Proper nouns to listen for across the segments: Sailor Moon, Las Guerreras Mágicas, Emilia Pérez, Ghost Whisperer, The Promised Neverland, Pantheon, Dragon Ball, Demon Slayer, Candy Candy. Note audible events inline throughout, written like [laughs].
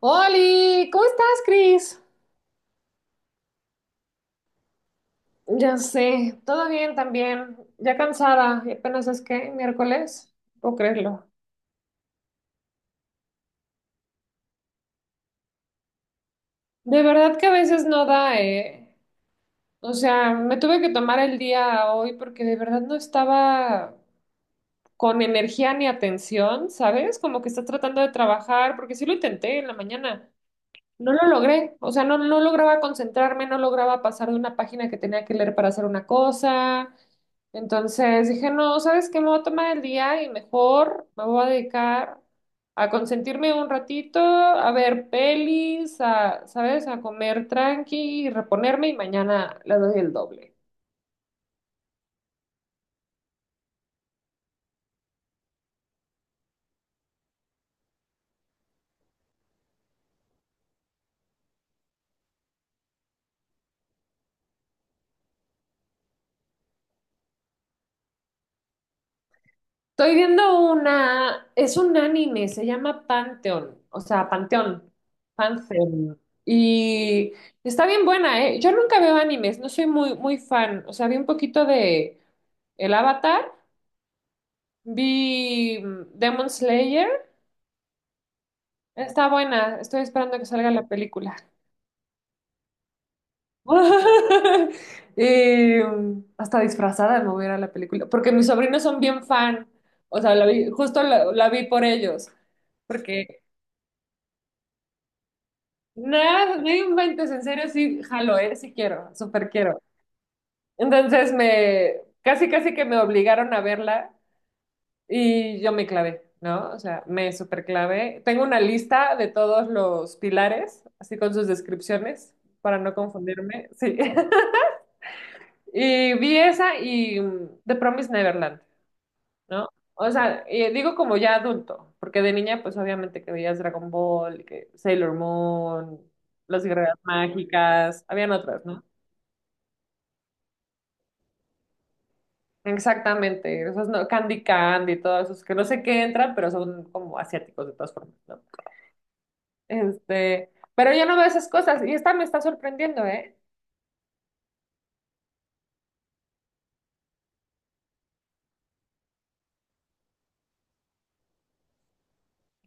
Oli, ¿cómo estás, Cris? Ya sé, todo bien también. Ya cansada, y apenas es que miércoles, no puedo creerlo. De verdad que a veces no da, me tuve que tomar el día hoy porque de verdad no estaba con energía ni atención, ¿sabes? Como que estás tratando de trabajar, porque sí lo intenté en la mañana. No lo logré, no lograba concentrarme, no lograba pasar de una página que tenía que leer para hacer una cosa. Entonces dije, no, ¿sabes qué? Me voy a tomar el día y mejor me voy a dedicar a consentirme un ratito, a ver pelis, a, ¿sabes? A comer tranqui y reponerme y mañana le doy el doble. Estoy viendo una, es un anime, se llama Pantheon, o sea, Panteón, Pantheon. Y está bien buena, ¿eh? Yo nunca veo animes, no soy muy fan. O sea, vi un poquito de El Avatar, vi Demon Slayer, está buena, estoy esperando que salga la película. [laughs] Hasta disfrazada no voy a ir a la película, porque mis sobrinos son bien fan, o sea, justo la vi por ellos. Porque Nada, no inventes, en serio, sí, jalo, ¿eh? Sí quiero, súper quiero. Entonces me, casi casi que me obligaron a verla y yo me clavé, ¿no? O sea, me súper clavé. Tengo una lista de todos los pilares, así con sus descripciones, para no confundirme, sí. [laughs] Y vi esa y The Promised Neverland, ¿no? O sea, y digo como ya adulto, porque de niña pues obviamente que veías Dragon Ball, que Sailor Moon, Las Guerreras Mágicas, habían otras, ¿no? Exactamente, esos no, Candy Candy, todos esos que no sé qué entran, pero son como asiáticos de todas formas, ¿no? Pero yo no veo esas cosas y esta me está sorprendiendo, ¿eh?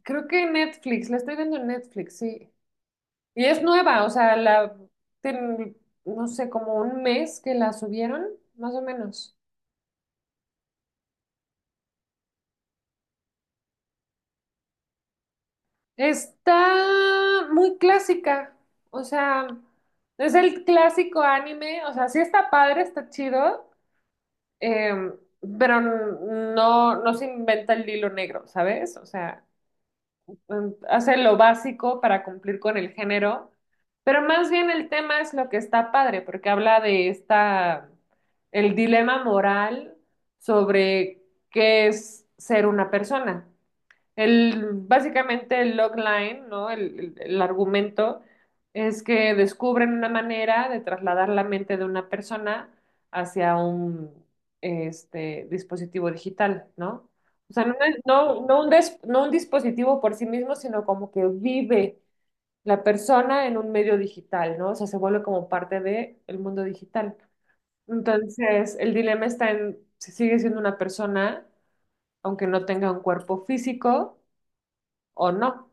Creo que en Netflix, la estoy viendo en Netflix, sí. Y es nueva, ten- no sé, como 1 mes que la subieron, más o menos. Está muy clásica, o sea, es el clásico anime, o sea, sí está padre, está chido. Eh, no se inventa el hilo negro, ¿sabes? Hace lo básico para cumplir con el género, pero más bien el tema es lo que está padre, porque habla de esta, el dilema moral sobre qué es ser una persona. Básicamente el logline, ¿no? El argumento es que descubren una manera de trasladar la mente de una persona hacia un dispositivo digital, ¿no? O sea, no, no un dispositivo por sí mismo, sino como que vive la persona en un medio digital, ¿no? O sea, se vuelve como parte del mundo digital. Entonces, el dilema está en si sigue siendo una persona, aunque no tenga un cuerpo físico o no.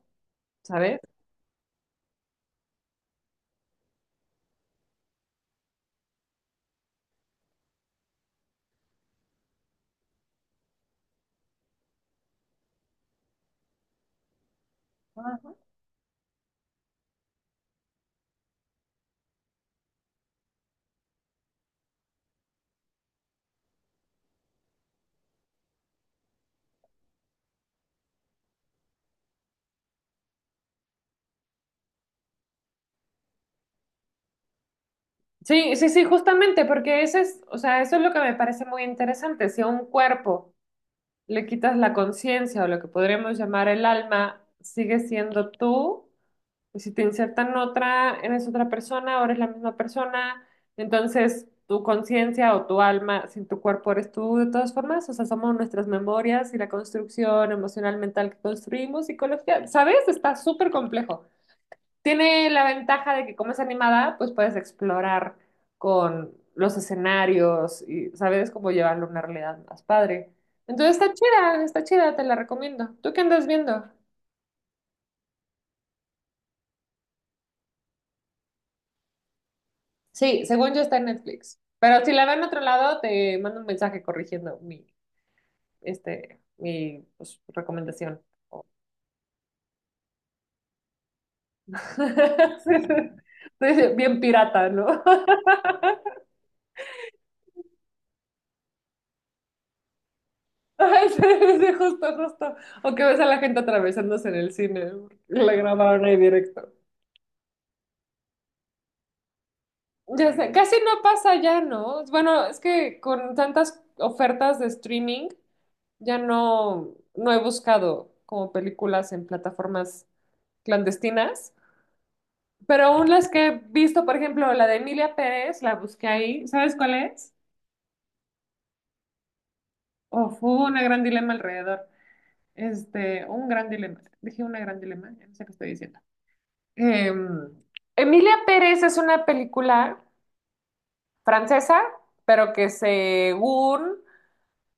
¿Sabes? Sí, sí, sí, justamente, porque ese es, o sea, eso es lo que me parece muy interesante. Si a un cuerpo le quitas la conciencia o lo que podríamos llamar el alma, sigue siendo tú, y si te insertan otra, eres otra persona, o eres la misma persona, entonces tu conciencia o tu alma sin tu cuerpo eres tú de todas formas, o sea, somos nuestras memorias y la construcción emocional mental que construimos, psicología, ¿sabes? Está súper complejo. Tiene la ventaja de que como es animada, pues puedes explorar con los escenarios y sabes cómo llevarlo a una realidad más padre. Entonces está chida, te la recomiendo. ¿Tú qué andas viendo? Sí, según yo está en Netflix. Pero si la veo en otro lado, te mando un mensaje corrigiendo mi, mi pues, recomendación. [laughs] Estoy bien pirata, ¿no? [laughs] Ay, sí, sí, justo, justo. O que ves a la gente atravesándose en el cine. Porque la grabaron ahí directo. Ya sé, casi no pasa ya, ¿no? Bueno, es que con tantas ofertas de streaming ya no he buscado como películas en plataformas clandestinas, pero aún las que he visto, por ejemplo, la de Emilia Pérez, la busqué ahí, ¿sabes cuál es? Oh, fue un gran dilema alrededor. Un gran dilema. Dije una gran dilema, ya no sé qué estoy diciendo. Em, Emilia Pérez es una película francesa, pero que según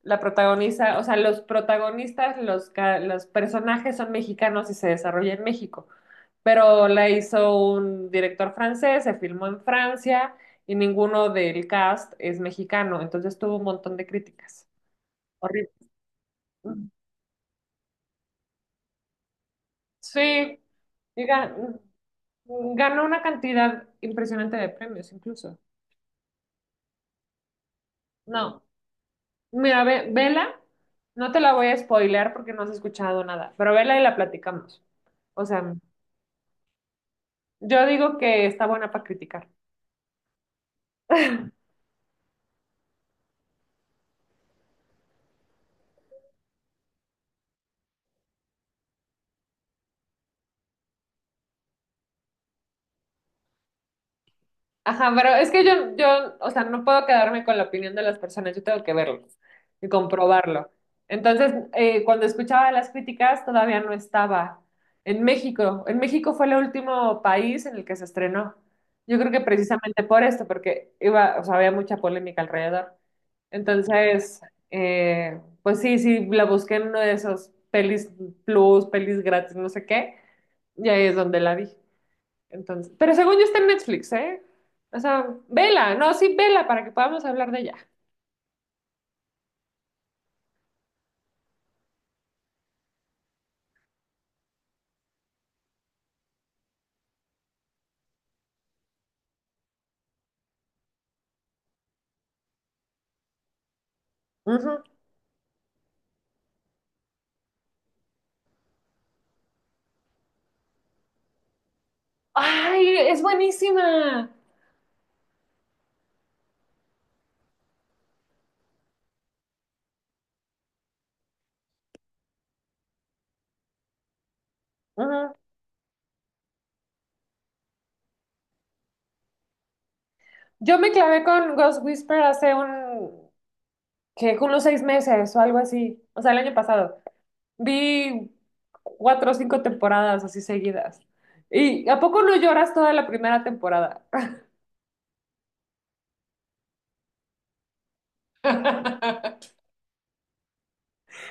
la protagonista, o sea, los protagonistas, los personajes son mexicanos y se desarrolla en México, pero la hizo un director francés, se filmó en Francia y ninguno del cast es mexicano, entonces tuvo un montón de críticas. Horrible. Sí, y ga- ganó una cantidad impresionante de premios incluso. No, mira, vela, no te la voy a spoilear porque no has escuchado nada, pero vela y la platicamos. O sea, yo digo que está buena para criticar. Ajá, pero es que yo, o sea, no puedo quedarme con la opinión de las personas, yo tengo que verlos y comprobarlo. Entonces, cuando escuchaba las críticas, todavía no estaba en México. En México fue el último país en el que se estrenó. Yo creo que precisamente por esto, porque iba, o sea, había mucha polémica alrededor. Entonces, pues sí, sí, la busqué en uno de esos pelis plus, pelis gratis, no sé qué, y ahí es donde la vi. Entonces, pero según yo está en Netflix, ¿eh? O sea, vela, no, sí, vela para que podamos hablar de ella. Ujú. Ay, es buenísima. Ujú. Yo me clavé con Ghost Whisperer hace un, que unos 6 meses o algo así, o sea, el año pasado. Vi cuatro o cinco temporadas así seguidas. ¿Y a poco no lloras toda la primera temporada? [laughs]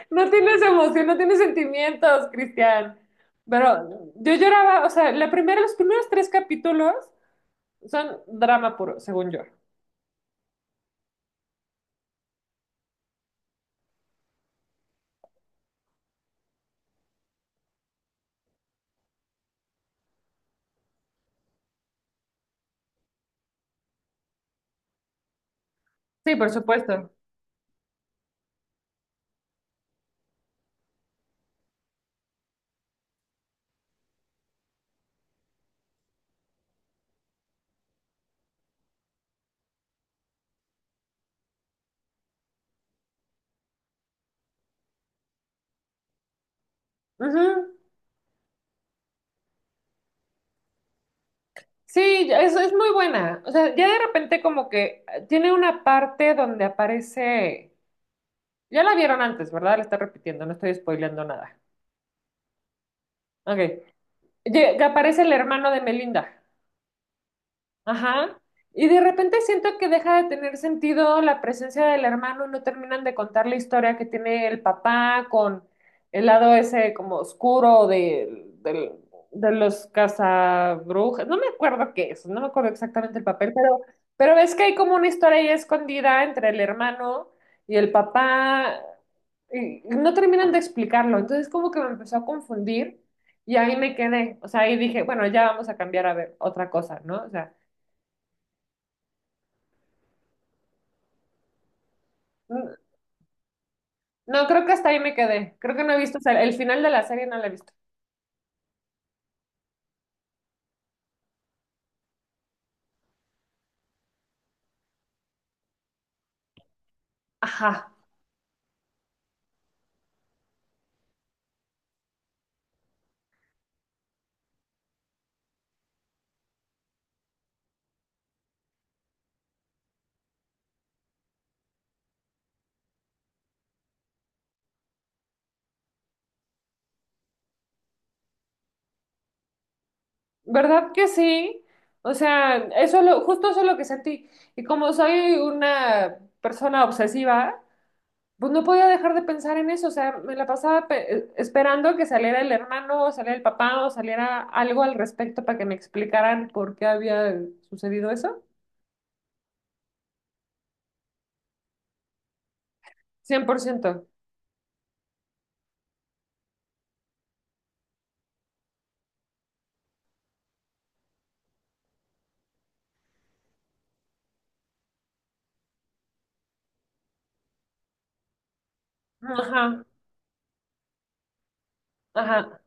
No tienes emoción, no tienes sentimientos, Cristian. Pero yo lloraba, o sea, la primera, los primeros tres capítulos son drama puro, según yo. Sí, por supuesto. Ujú. Sí, es muy buena. O sea, ya de repente como que tiene una parte donde aparece, ya la vieron antes, ¿verdad? La está repitiendo, no estoy spoileando nada. Ok. Que aparece el hermano de Melinda. Ajá. Y de repente siento que deja de tener sentido la presencia del hermano, no terminan de contar la historia que tiene el papá con el lado ese como de los cazabrujas. No me acuerdo qué es, no me acuerdo exactamente el papel, pero ves que hay como una historia ahí escondida entre el hermano y el papá y no terminan de explicarlo. Entonces como que me empezó a confundir y ahí me quedé. O sea, ahí dije, bueno, ya vamos a cambiar a ver otra cosa, ¿no? O sea. N- No, creo que hasta ahí me quedé. Creo que no he visto, o sea, el final de la serie no la he visto. Ajá, ¿verdad que sí? O sea, eso lo, justo eso es lo que sentí. Y como soy una persona obsesiva, pues no podía dejar de pensar en eso. O sea, me la pasaba esperando que saliera el hermano, o saliera el papá, o saliera algo al respecto para que me explicaran por qué había sucedido eso. 100%. Ajá, ajá,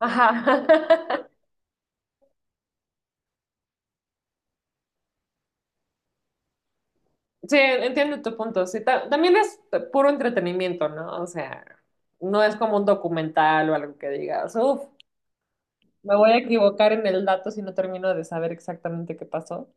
ajá. [laughs] Sí, entiendo tu punto. Sí, también es puro entretenimiento, ¿no? O sea, no es como un documental o algo que digas, uff, me voy a equivocar en el dato si no termino de saber exactamente qué pasó.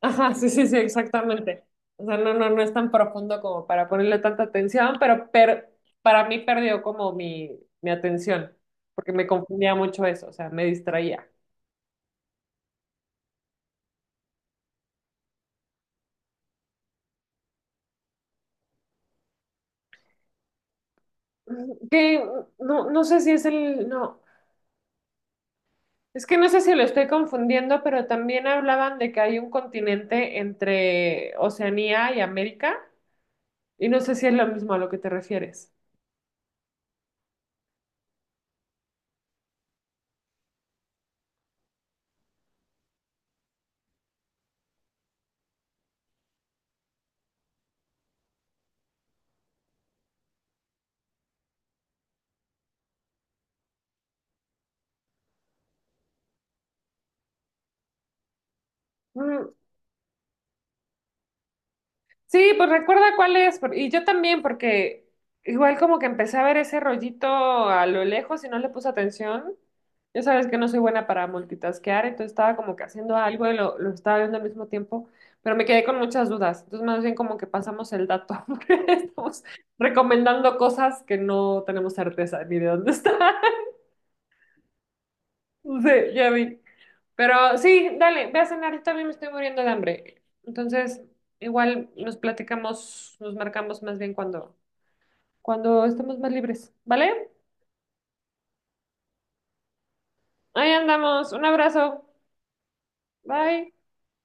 Ajá, sí, sí, sí, exactamente. O sea, no es tan profundo como para ponerle tanta atención, pero para mí perdió como mi atención, porque me confundía mucho eso, o sea, me distraía. Que no, no sé si es el, no. Es que no sé si lo estoy confundiendo, pero también hablaban de que hay un continente entre Oceanía y América, y no sé si es lo mismo a lo que te refieres. Mm, sí, pues recuerda cuál es, por- y yo también, porque igual como que empecé a ver ese rollito a lo lejos y no le puse atención. Ya sabes que no soy buena para multitaskear, entonces estaba como que haciendo algo y lo estaba viendo al mismo tiempo, pero me quedé con muchas dudas. Entonces más bien como que pasamos el dato, [laughs] porque estamos recomendando cosas que no tenemos certeza ni de dónde [laughs] están. Sí, ya vi. Pero sí, dale, ve a cenar, yo también me estoy muriendo de hambre. Entonces, igual nos platicamos, nos marcamos más bien cuando estemos más libres, ¿vale? Ahí andamos, un abrazo, bye.